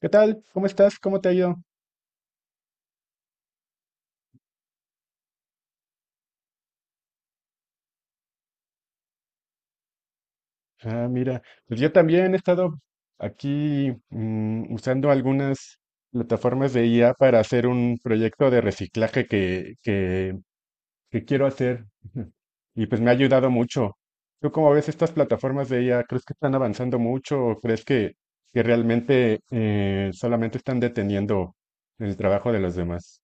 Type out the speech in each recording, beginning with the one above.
¿Qué tal? ¿Cómo estás? ¿Cómo te ha ido? Ah, mira, pues yo también he estado aquí usando algunas plataformas de IA para hacer un proyecto de reciclaje que quiero hacer. Y pues me ha ayudado mucho. ¿Tú cómo ves estas plataformas de IA? ¿Crees que están avanzando mucho o crees que realmente solamente están deteniendo el trabajo de los demás?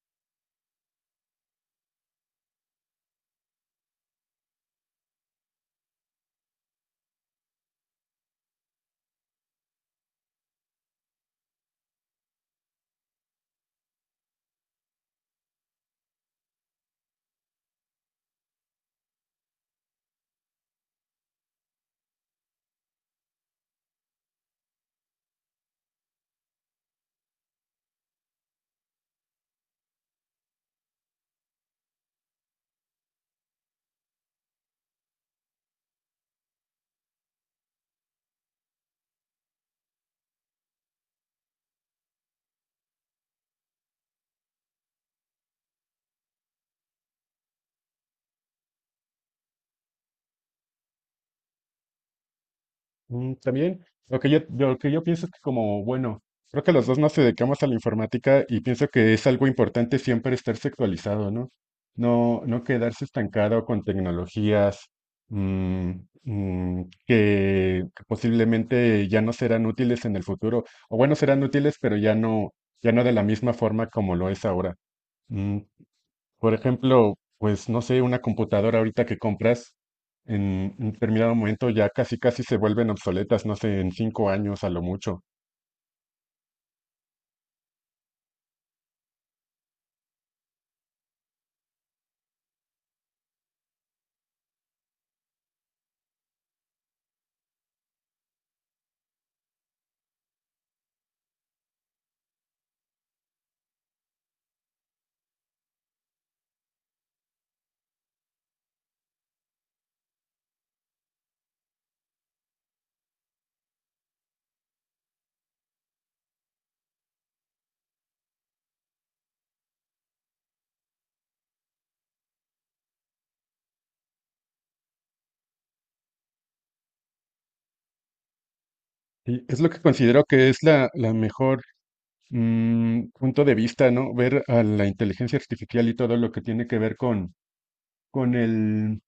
También, lo que lo que yo pienso es que como, bueno, creo que los dos nos dedicamos a la informática y pienso que es algo importante siempre estar sexualizado, ¿no? No, no quedarse estancado con tecnologías mm, que posiblemente ya no serán útiles en el futuro, o bueno, serán útiles, pero ya no de la misma forma como lo es ahora. Mm, por ejemplo, pues no sé, una computadora ahorita que compras en un determinado momento ya casi casi se vuelven obsoletas, no sé, en cinco años a lo mucho. Y es lo que considero que es la mejor punto de vista, ¿no? Ver a la inteligencia artificial y todo lo que tiene que ver con el,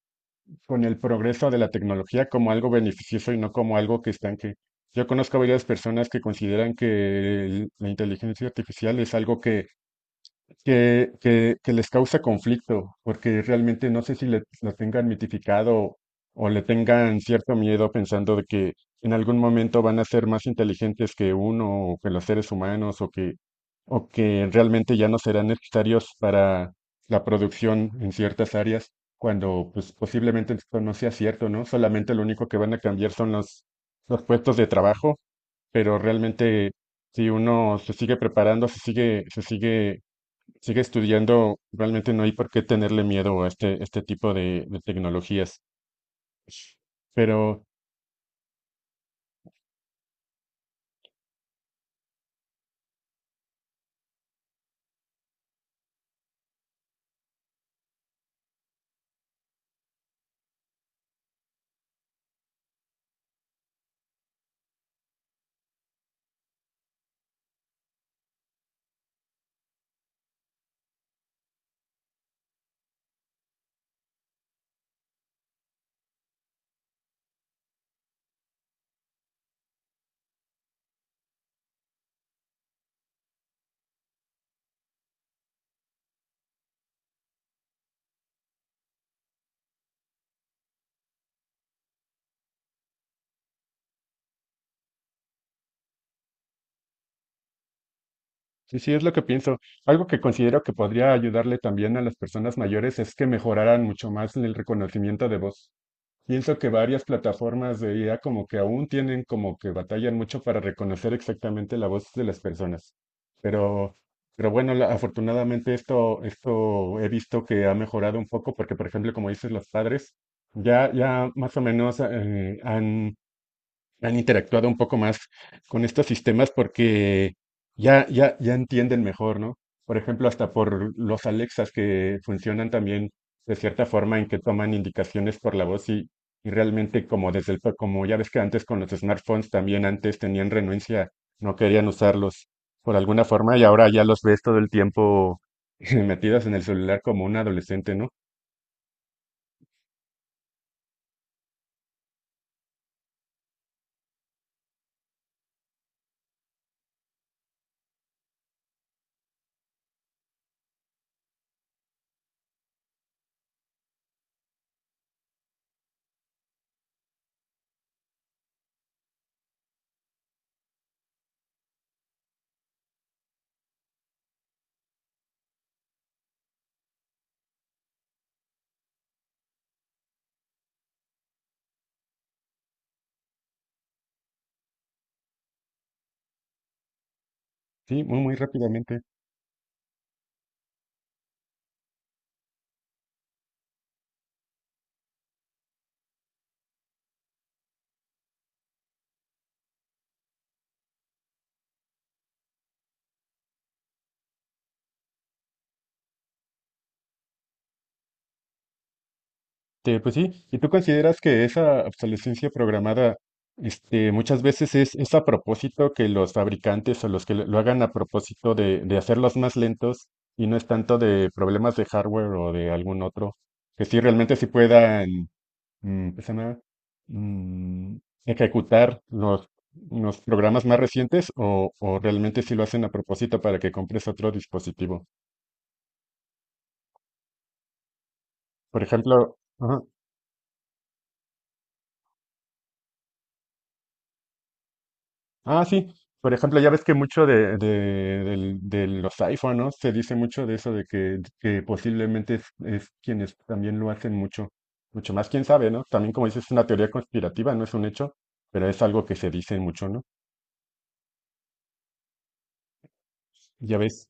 con el progreso de la tecnología como algo beneficioso y no como algo que estanque. Yo conozco a varias personas que consideran que la inteligencia artificial es algo que les causa conflicto, porque realmente no sé si lo tengan mitificado o le tengan cierto miedo pensando de que en algún momento van a ser más inteligentes que uno o que los seres humanos o que realmente ya no serán necesarios para la producción en ciertas áreas, cuando pues posiblemente esto no sea cierto, ¿no? Solamente lo único que van a cambiar son los puestos de trabajo, pero realmente si uno se sigue preparando, se sigue sigue estudiando, realmente no hay por qué tenerle miedo a este tipo de tecnologías. Pero sí, sí, es lo que pienso. Algo que considero que podría ayudarle también a las personas mayores es que mejoraran mucho más el reconocimiento de voz. Pienso que varias plataformas de IA como que aún tienen como que batallan mucho para reconocer exactamente la voz de las personas. Pero, pero bueno, afortunadamente esto he visto que ha mejorado un poco porque, por ejemplo, como dices, los padres ya más o menos han interactuado un poco más con estos sistemas porque ya entienden mejor, ¿no? Por ejemplo, hasta por los Alexas que funcionan también de cierta forma en que toman indicaciones por la voz y realmente como desde el, como ya ves que antes con los smartphones también antes tenían renuencia, no querían usarlos por alguna forma y ahora ya los ves todo el tiempo metidos en el celular como un adolescente, ¿no? Sí, muy, muy rápidamente. Este, pues sí, ¿y tú consideras que esa obsolescencia programada, este, muchas veces es a propósito que los fabricantes o los que lo hagan a propósito de hacerlos más lentos y no es tanto de problemas de hardware o de algún otro, que sí realmente sí puedan, ¿qué se llama? Mm, ejecutar los programas más recientes o realmente sí lo hacen a propósito para que compres otro dispositivo? Por ejemplo, ajá. Ah, sí. Por ejemplo, ya ves que mucho de los iPhone, ¿no? Se dice mucho de eso, de que posiblemente es quienes también lo hacen mucho, mucho más, quién sabe, ¿no? También como dices, es una teoría conspirativa, no es un hecho, pero es algo que se dice mucho, ¿no? Ya ves.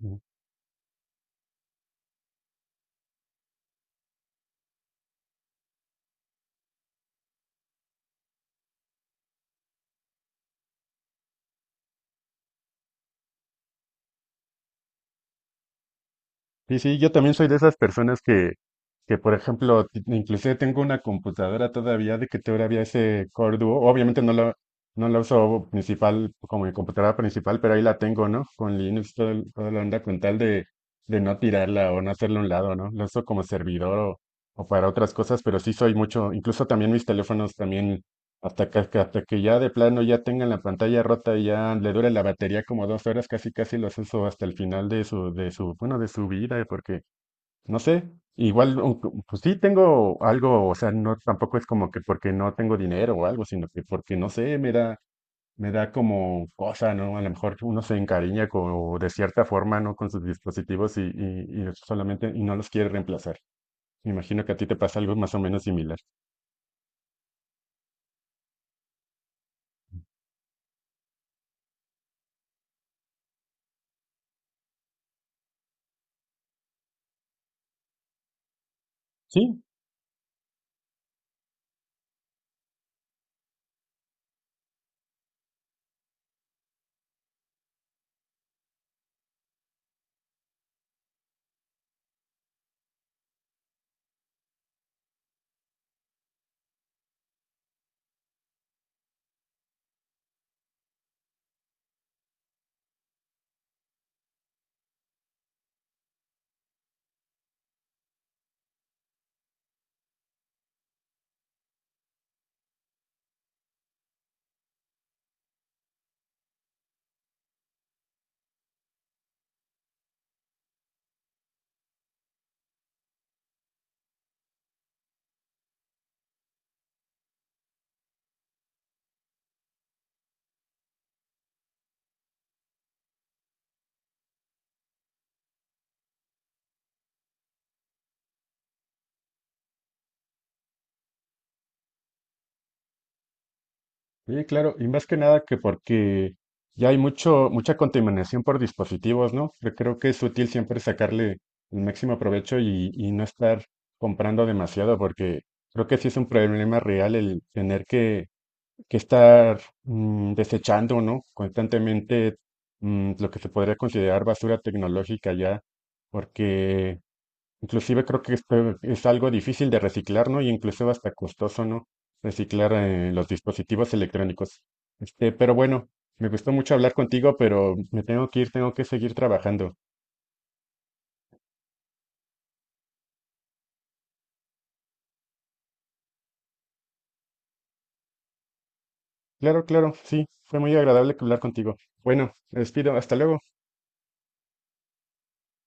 Ujú. Sí, sí, yo también soy de esas personas que por ejemplo, inclusive tengo una computadora todavía de que todavía ese Core Duo, obviamente no la uso principal como mi computadora principal, pero ahí la tengo, ¿no? Con Linux, toda la onda, con tal de no tirarla o no hacerla a un lado, ¿no? La uso como servidor o para otras cosas, pero sí soy mucho, incluso también mis teléfonos también hasta hasta que ya de plano ya tengan la pantalla rota y ya le dure la batería como dos horas, casi casi los uso hasta el final bueno, de su vida, porque, no sé, igual, pues sí tengo algo, o sea, no, tampoco es como que porque no tengo dinero o algo, sino que porque, no sé, me da como cosa, ¿no? A lo mejor uno se encariña con, de cierta forma, ¿no? Con sus dispositivos y solamente, y no los quiere reemplazar. Me imagino que a ti te pasa algo más o menos similar. Sí. Sí, claro, y más que nada que porque ya hay mucho, mucha contaminación por dispositivos, ¿no? Yo creo que es útil siempre sacarle el máximo provecho y no estar comprando demasiado, porque creo que sí es un problema real el tener que estar desechando, ¿no? Constantemente lo que se podría considerar basura tecnológica ya, porque inclusive creo que este es algo difícil de reciclar, ¿no? Y incluso hasta costoso, ¿no? Reciclar los dispositivos electrónicos. Este, pero bueno, me gustó mucho hablar contigo, pero me tengo que ir, tengo que seguir trabajando. Claro, claro, sí, fue muy agradable hablar contigo. Bueno, me despido, hasta luego.